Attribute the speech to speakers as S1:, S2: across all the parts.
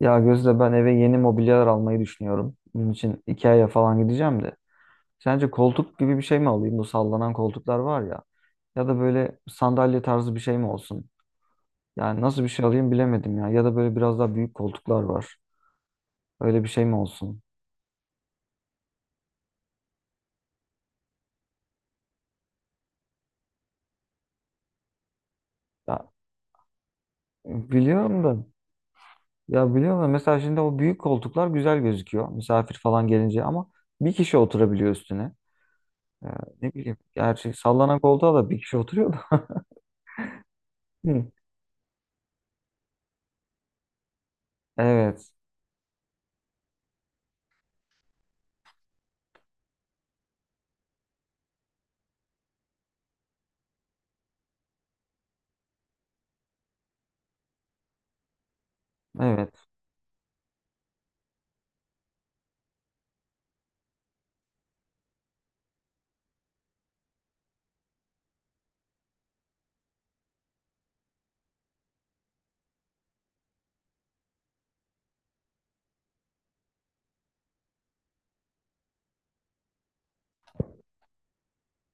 S1: Ya Gözde ben eve yeni mobilyalar almayı düşünüyorum. Bunun için Ikea'ya falan gideceğim de. Sence koltuk gibi bir şey mi alayım? Bu sallanan koltuklar var ya. Ya da böyle sandalye tarzı bir şey mi olsun? Yani nasıl bir şey alayım bilemedim ya. Ya da böyle biraz daha büyük koltuklar var. Öyle bir şey mi olsun? Ya biliyorum da. Ya biliyorum da mesela şimdi o büyük koltuklar güzel gözüküyor. Misafir falan gelince ama bir kişi oturabiliyor üstüne. Ee, ne bileyim. Gerçi sallanan koltuğa da bir kişi oturuyor da. Hı. Evet. Evet.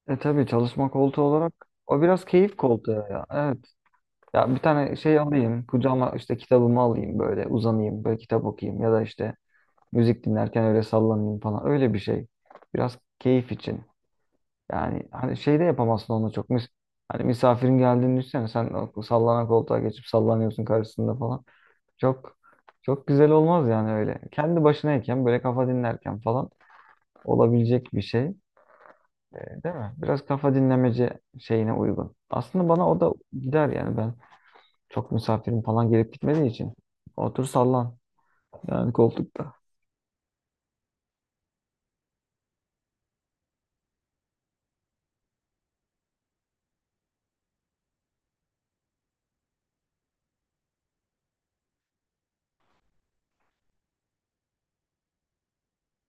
S1: E tabii çalışma koltuğu olarak o biraz keyif koltuğu ya. Evet. Ya bir tane şey alayım, kucağıma işte kitabımı alayım böyle uzanayım, böyle kitap okuyayım ya da işte müzik dinlerken öyle sallanayım falan. Öyle bir şey. Biraz keyif için. Yani hani şey de yapamazsın onu çok. Mis hani misafirin geldiğini düşünsene sen o sallanan koltuğa geçip sallanıyorsun karşısında falan. Çok çok güzel olmaz yani öyle. Kendi başınayken böyle kafa dinlerken falan olabilecek bir şey. Değil mi? Biraz kafa dinlemeci şeyine uygun. Aslında bana o da gider yani ben çok misafirim falan gelip gitmediği için. Otur sallan yani koltukta.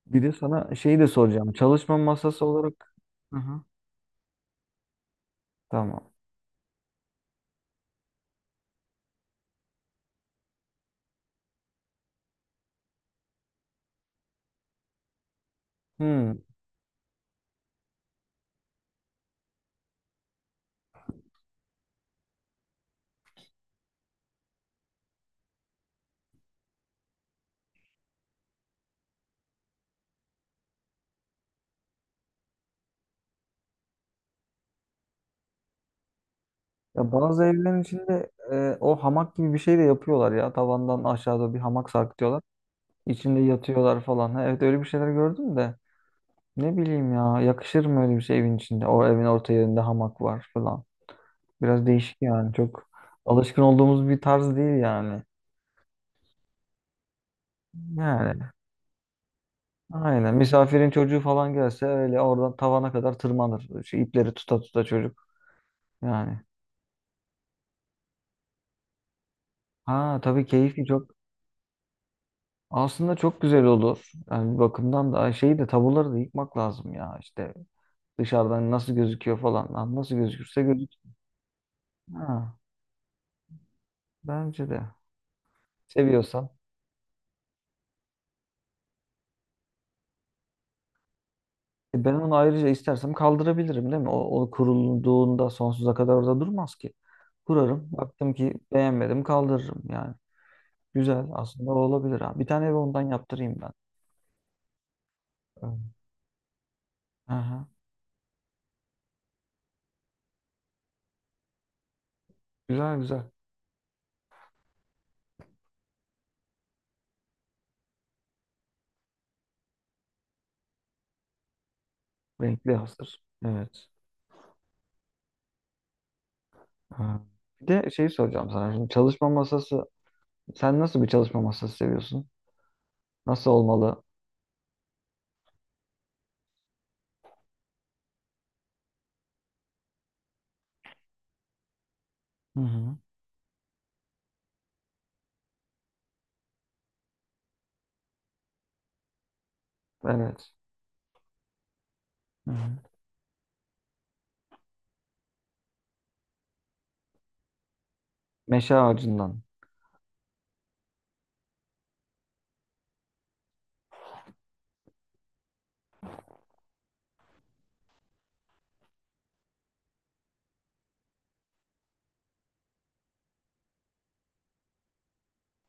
S1: Bir de sana şeyi de soracağım. Çalışma masası olarak. Hı hı. Tamam. Hmm. Ya bazı evlerin içinde o hamak gibi bir şey de yapıyorlar ya. Tavandan aşağıda bir hamak sarkıtıyorlar. İçinde yatıyorlar falan. Ha, evet öyle bir şeyler gördüm de. Ne bileyim ya yakışır mı öyle bir şey evin içinde? O evin orta yerinde hamak var falan. Biraz değişik yani. Çok alışkın olduğumuz bir tarz değil yani. Yani aynen. Misafirin çocuğu falan gelse öyle oradan tavana kadar tırmanır. Şu ipleri tuta tuta çocuk. Yani. Ha tabii keyifli çok. Aslında çok güzel olur. Yani bir bakımdan da şeyi de tabuları da yıkmak lazım ya. İşte dışarıdan nasıl gözüküyor falan. Lan nasıl gözükürse gözük. Ha, bence de. Seviyorsan. E ben onu ayrıca istersem kaldırabilirim değil mi? O kurulduğunda sonsuza kadar orada durmaz ki. Kurarım. Baktım ki beğenmedim kaldırırım yani. Güzel aslında o olabilir ha. Bir tane ev ondan yaptırayım ben. Evet. Aha. Güzel güzel. Renkli hazır. Evet. Ha. Bir de şey soracağım sana. Şimdi çalışma masası. Sen nasıl bir çalışma masası seviyorsun? Nasıl olmalı? Hı hı. Evet. Hı hı. Meşe ağacından.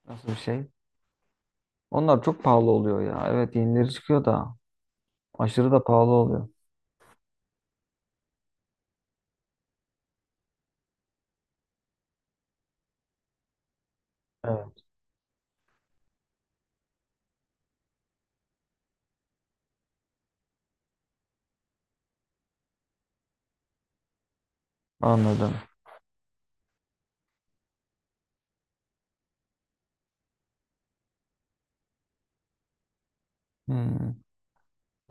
S1: Nasıl bir şey? Onlar çok pahalı oluyor ya. Evet yenileri çıkıyor da. Aşırı da pahalı oluyor. Evet, anladım. Hmm.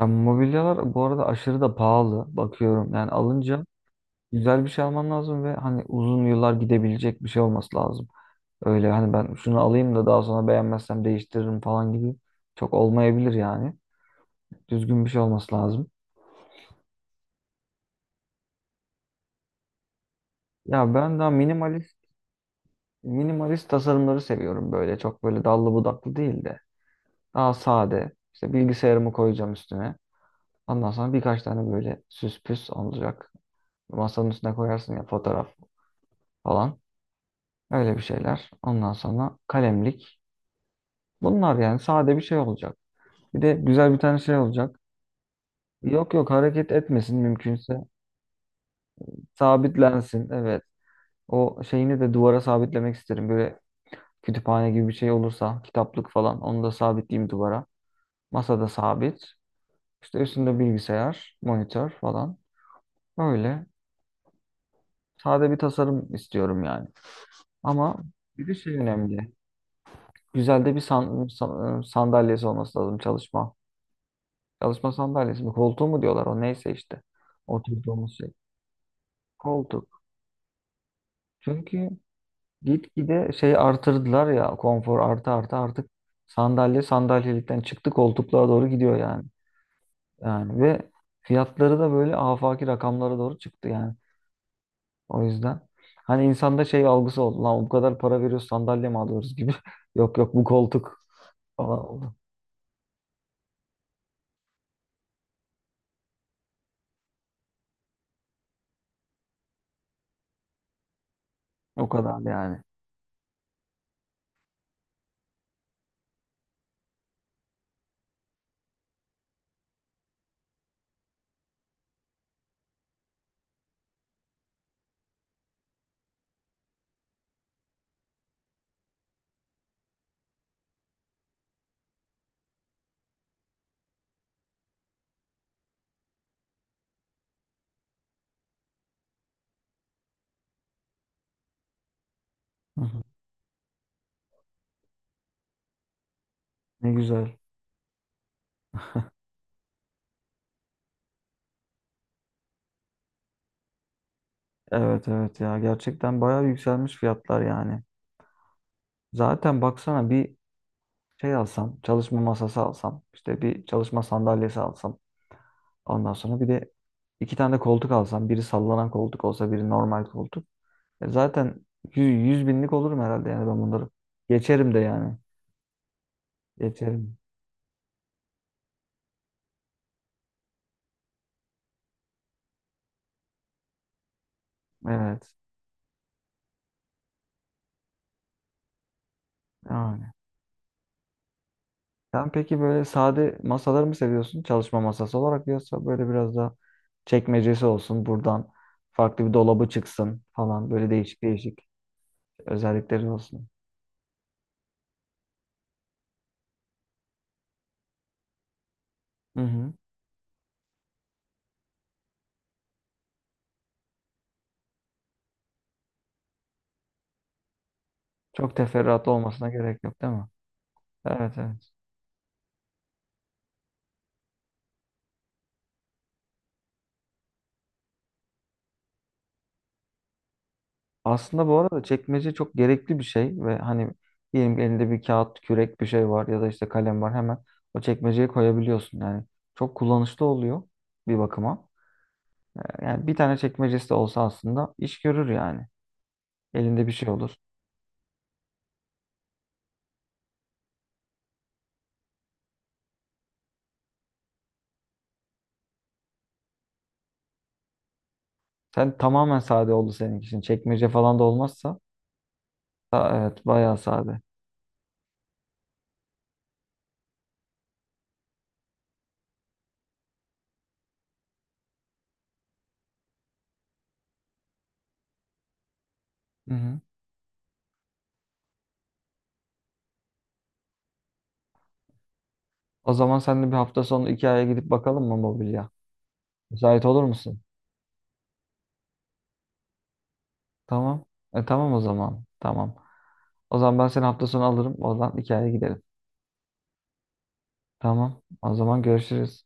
S1: Ya mobilyalar bu arada aşırı da pahalı bakıyorum. Yani alınca güzel bir şey alman lazım ve hani uzun yıllar gidebilecek bir şey olması lazım. Öyle hani ben şunu alayım da daha sonra beğenmezsem değiştiririm falan gibi çok olmayabilir yani. Düzgün bir şey olması lazım. Ya ben daha minimalist tasarımları seviyorum böyle. Çok böyle dallı budaklı değil de daha sade. İşte bilgisayarımı koyacağım üstüne. Ondan sonra birkaç tane böyle süs püs olacak. Masanın üstüne koyarsın ya fotoğraf falan. Öyle bir şeyler. Ondan sonra kalemlik. Bunlar yani sade bir şey olacak. Bir de güzel bir tane şey olacak. Yok hareket etmesin mümkünse. Sabitlensin. Evet. O şeyini de duvara sabitlemek isterim. Böyle kütüphane gibi bir şey olursa kitaplık falan onu da sabitleyeyim duvara. Masada sabit. İşte üstünde bilgisayar, monitör falan. Öyle. Sade bir tasarım istiyorum yani. Ama bir de şey önemli. Güzel de bir sandalyesi olması lazım çalışma. Çalışma sandalyesi mi? Koltuğu mu diyorlar o neyse işte. Oturduğumuz şey. Koltuk. Çünkü gitgide şey artırdılar ya konfor artı artı artık sandalye sandalyelikten çıktı koltuklara doğru gidiyor yani. Yani ve fiyatları da böyle afaki rakamlara doğru çıktı yani. O yüzden hani insanda şey algısı oldu. Lan bu kadar para veriyoruz sandalye mi alıyoruz gibi. Yok bu koltuk falan oldu. O kadar yani. Hı hı. Ne güzel. Evet ya gerçekten bayağı yükselmiş fiyatlar yani. Zaten baksana bir şey alsam, çalışma masası alsam, işte bir çalışma sandalyesi alsam, ondan sonra bir de iki tane de koltuk alsam, biri sallanan koltuk olsa, biri normal koltuk. E zaten yüz binlik olurum herhalde yani ben bunları. Geçerim de yani. Geçerim. Evet. Yani. Sen peki böyle sade masaları mı seviyorsun? Çalışma masası olarak yoksa böyle biraz da çekmecesi olsun, buradan farklı bir dolabı çıksın falan böyle değişik özellikleri olsun. Çok teferruatlı olmasına gerek yok değil mi? Evet. Aslında bu arada çekmece çok gerekli bir şey ve hani diyelim ki elinde bir kağıt, kürek bir şey var ya da işte kalem var hemen o çekmeceye koyabiliyorsun yani. Çok kullanışlı oluyor bir bakıma. Yani bir tane çekmecesi de olsa aslında iş görür yani. Elinde bir şey olur. Sen tamamen sade oldu senin için. Çekmece falan da olmazsa ha, evet bayağı sade. Hı hı. O zaman sen de bir hafta sonu Ikea'ya gidip bakalım mı mobilya? Müsait olur musun? Tamam. Tamam o zaman. Tamam. O zaman ben seni hafta sonu alırım. Oradan hikayeye gidelim. Tamam. O zaman görüşürüz.